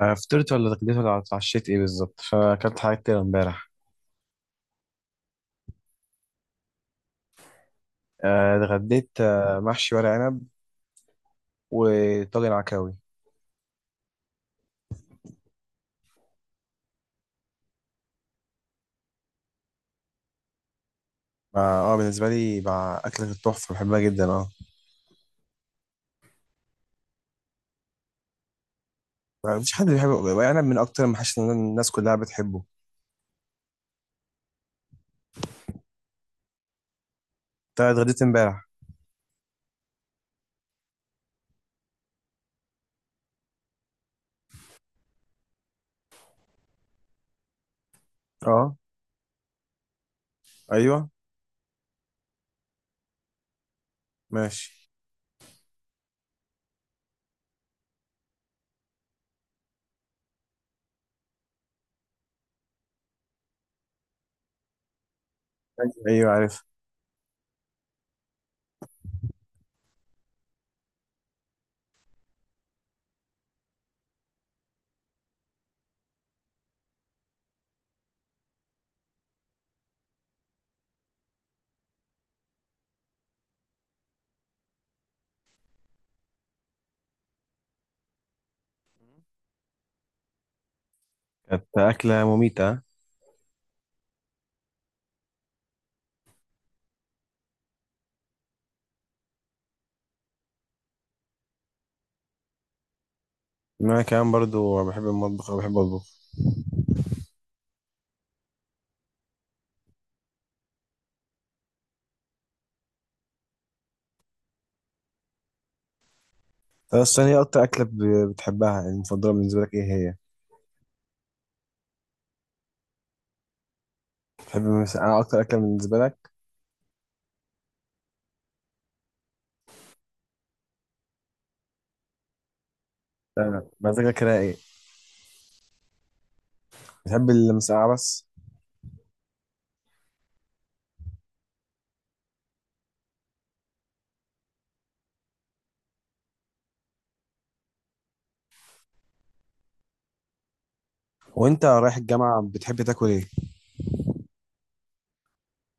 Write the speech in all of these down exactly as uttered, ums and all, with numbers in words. آه، فطرت ولا اتغديت ولا اتعشيت ايه بالظبط فاكلت حاجات كتير امبارح. آه، اتغديت، آه، محشي ورق عنب وطاجن عكاوي. اه، آه، بالنسبه لي بقى اكله التحفه بحبها جدا اه. ما فيش حد بيحب ورق عنب، من اكتر المحاشي اللي الناس كلها بتحبه. انت اتغديت امبارح؟ اه، ايوه، ماشي. ايوه عارف. كانت اكله مميته. انا كمان برضو بحب المطبخ وبحب اطبخ. بس ثانية، اكتر اكله ب- بتحبها المفضله بالنسبه لك ايه هي؟ بتحب مثلا، انا اكتر اكله بالنسبه لك، آه، مزاجك رايق. بتحب المسقعة بس؟ وانت رايح الجامعة بتحب تاكل ايه؟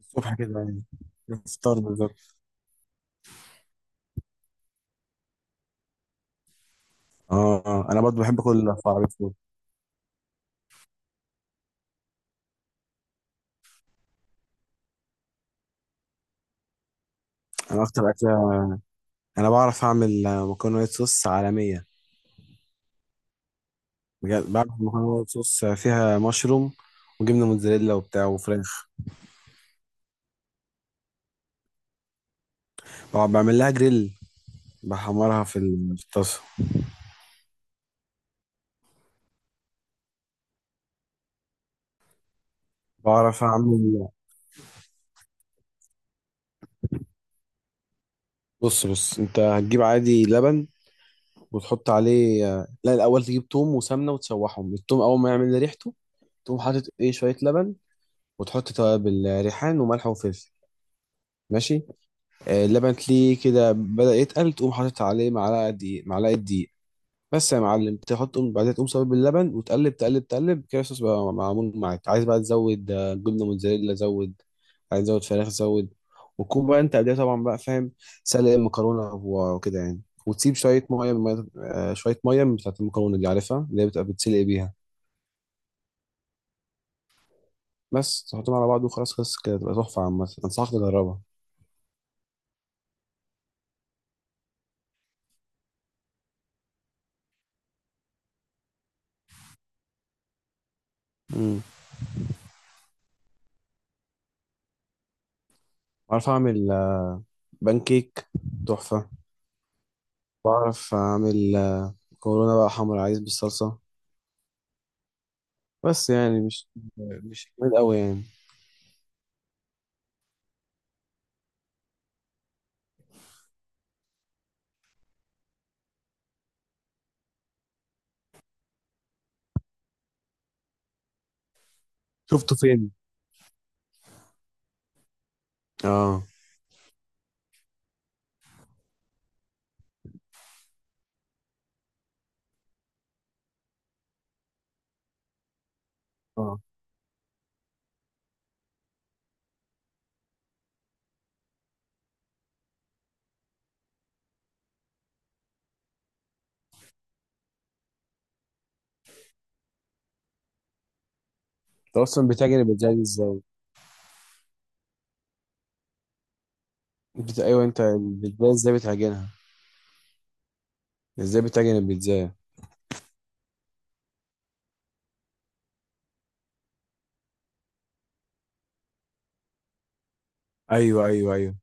الصبح كده يعني، الفطار بالظبط. اه. آه. انا برضو بحب اكل في عربية فول. انا اكتر اكلة، انا بعرف اعمل آه، مكرونة وايت صوص عالمية. بجد بعمل مكرونة وايت صوص آه، فيها مشروم وجبنة موتزاريلا وبتاع وفراخ. بقعد بعمل لها جريل، بحمرها في ال- في الطاسة. بعرف اعمل. بص بص انت هتجيب عادي لبن، وتحط عليه، آه، لا الاول تجيب توم وسمنة وتشوحهم، التوم اول ما يعمل ريحته تقوم حاطط ايه شوية لبن، وتحط توابل ريحان وملح وفلفل. ماشي، آه، اللبن تلاقيه كده بدأ يتقل، تقوم حاطط عليه معلقة دقيق، معلقة دقيق بس يا معلم. تحط بعدها تقوم صابب اللبن وتقلب تقلب تقلب كده، الصوص بقى معمول معاك. عايز بقى تزود آه، جبنة موتزاريلا، زود. عايز تزود فراخ، زود. وتكون بقى انت قبلها طبعا بقى فاهم سلق المكرونة و- وكده يعني، وتسيب شوية مية من- آه، شوية مية من بتاعة المكرونة دي، عارفها، اللي هي بتبقى بتسلق بيها. بس تحطهم على بعض وخلاص، خلص كده، تبقى تحفة. عامة أنصحك تجربها. مم. عارف أعمل بانكيك تحفة. بعرف أعمل، آه، كورونا بقى حمر عايز بالصلصة. بس يعني مش مش جامد أوي يعني. شفته فين؟ اه. اه، أنت أصلا بتعجن البيتزا دي إزاي؟ بت... أيوه، أنت البيتزا إزاي بتعجنها؟ إزاي بتعجن البيتزا؟ أيوه أيوه أيوه.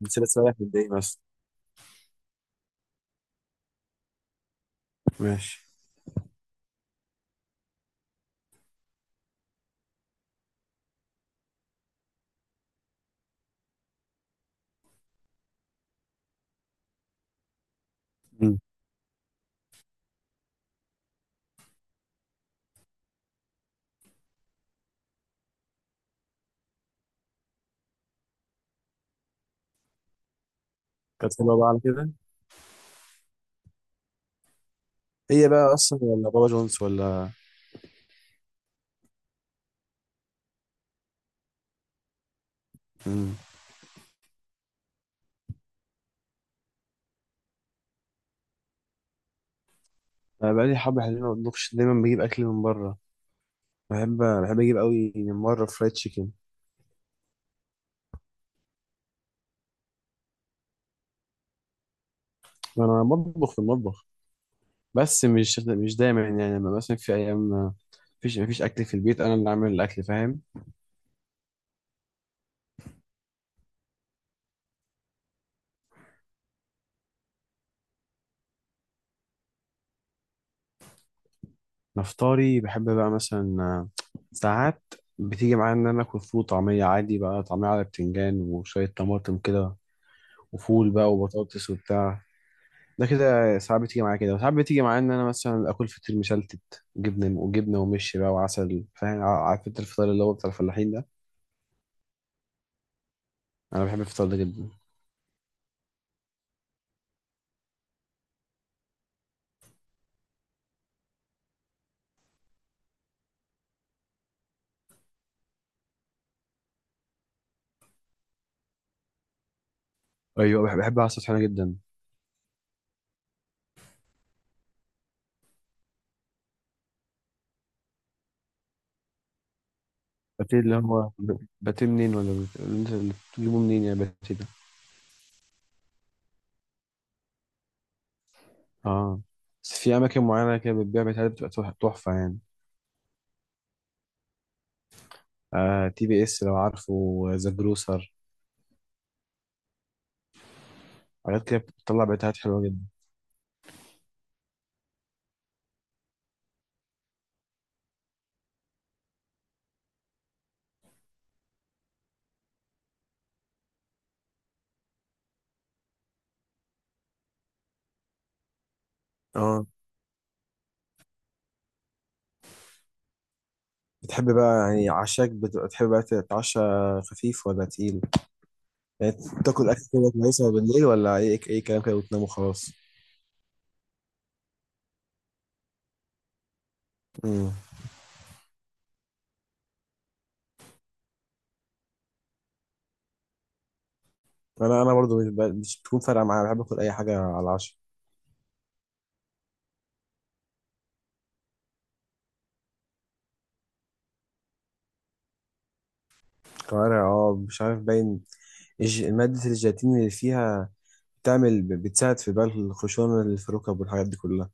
بس لسه رايح قد إيه بس. ماشي. مم. كانت حلوة بقى على كده؟ هي بقى أصلا ولا بابا جونز ولا؟ مم. أنا بقالي حبة حلوين ما بطبخش، دايما بجيب أكل من بره. بحب، بحب أجيب أوي من بره فرايد تشيكن. أنا بطبخ في المطبخ، بس مش مش دايما، يعني لما مثلا في ايام ما فيش، ما فيش اكل في البيت انا اللي عامل الاكل فاهم. نفطاري بحب بقى مثلا، آه، ساعات بتيجي معايا ان انا اكل فول وطعميه، عادي بقى طعميه على بتنجان وشويه طماطم كده، وفول بقى وبطاطس وبتاع. ده كده ساعات بتيجي معايا كده، وساعات بتيجي معايا ان انا مثلا اكل فطير مشلتت جبنه وجبنه ومش بقى وعسل، فاهم، ع- عارف انت الفطار اللي هو بتاع الفلاحين ده. انا بحب الفطار ده جدا. ايوه، بحب بحب عسل طحينه جدا. باتيه اللي هو ب- باتيه منين، ولا بت- اللي انت اللي بتجيبه منين يعني باتيه ده؟ اه، بس في اماكن معينه كده بتبيع باتيهات بتبقى تح- تحفه يعني. آه، تي بي اس لو عارفه، ذا جروسر، حاجات كده بتطلع باتيهات حلوه جدا. اه، بتحب بقى يعني عشاك بتبقى تحب بقى تتعشى خفيف ولا تقيل؟ يعني تاكل اكل كده كويسه بالليل، ولا اي اي كلام كده وتنام وخلاص؟ امم. انا انا برضو مش ب- مش بتكون فارقه معايا، بحب اكل اي حاجه على العشاء. كوارع، اه مش عارف، باين الج- ماده الجيلاتين اللي فيها بتعمل، بتساعد في بقى الخشونة اللي في الركب والحاجات دي كلها.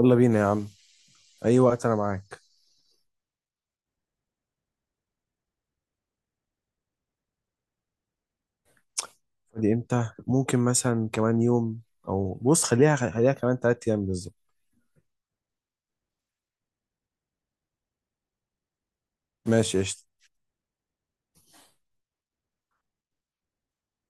يلا بينا يا عم، أي وقت أنا معاك. فاضي إمتى؟ ممكن مثلا كمان يوم، أو بص، خليها خليها كمان تلات أيام بالظبط. ماشي، قشطة.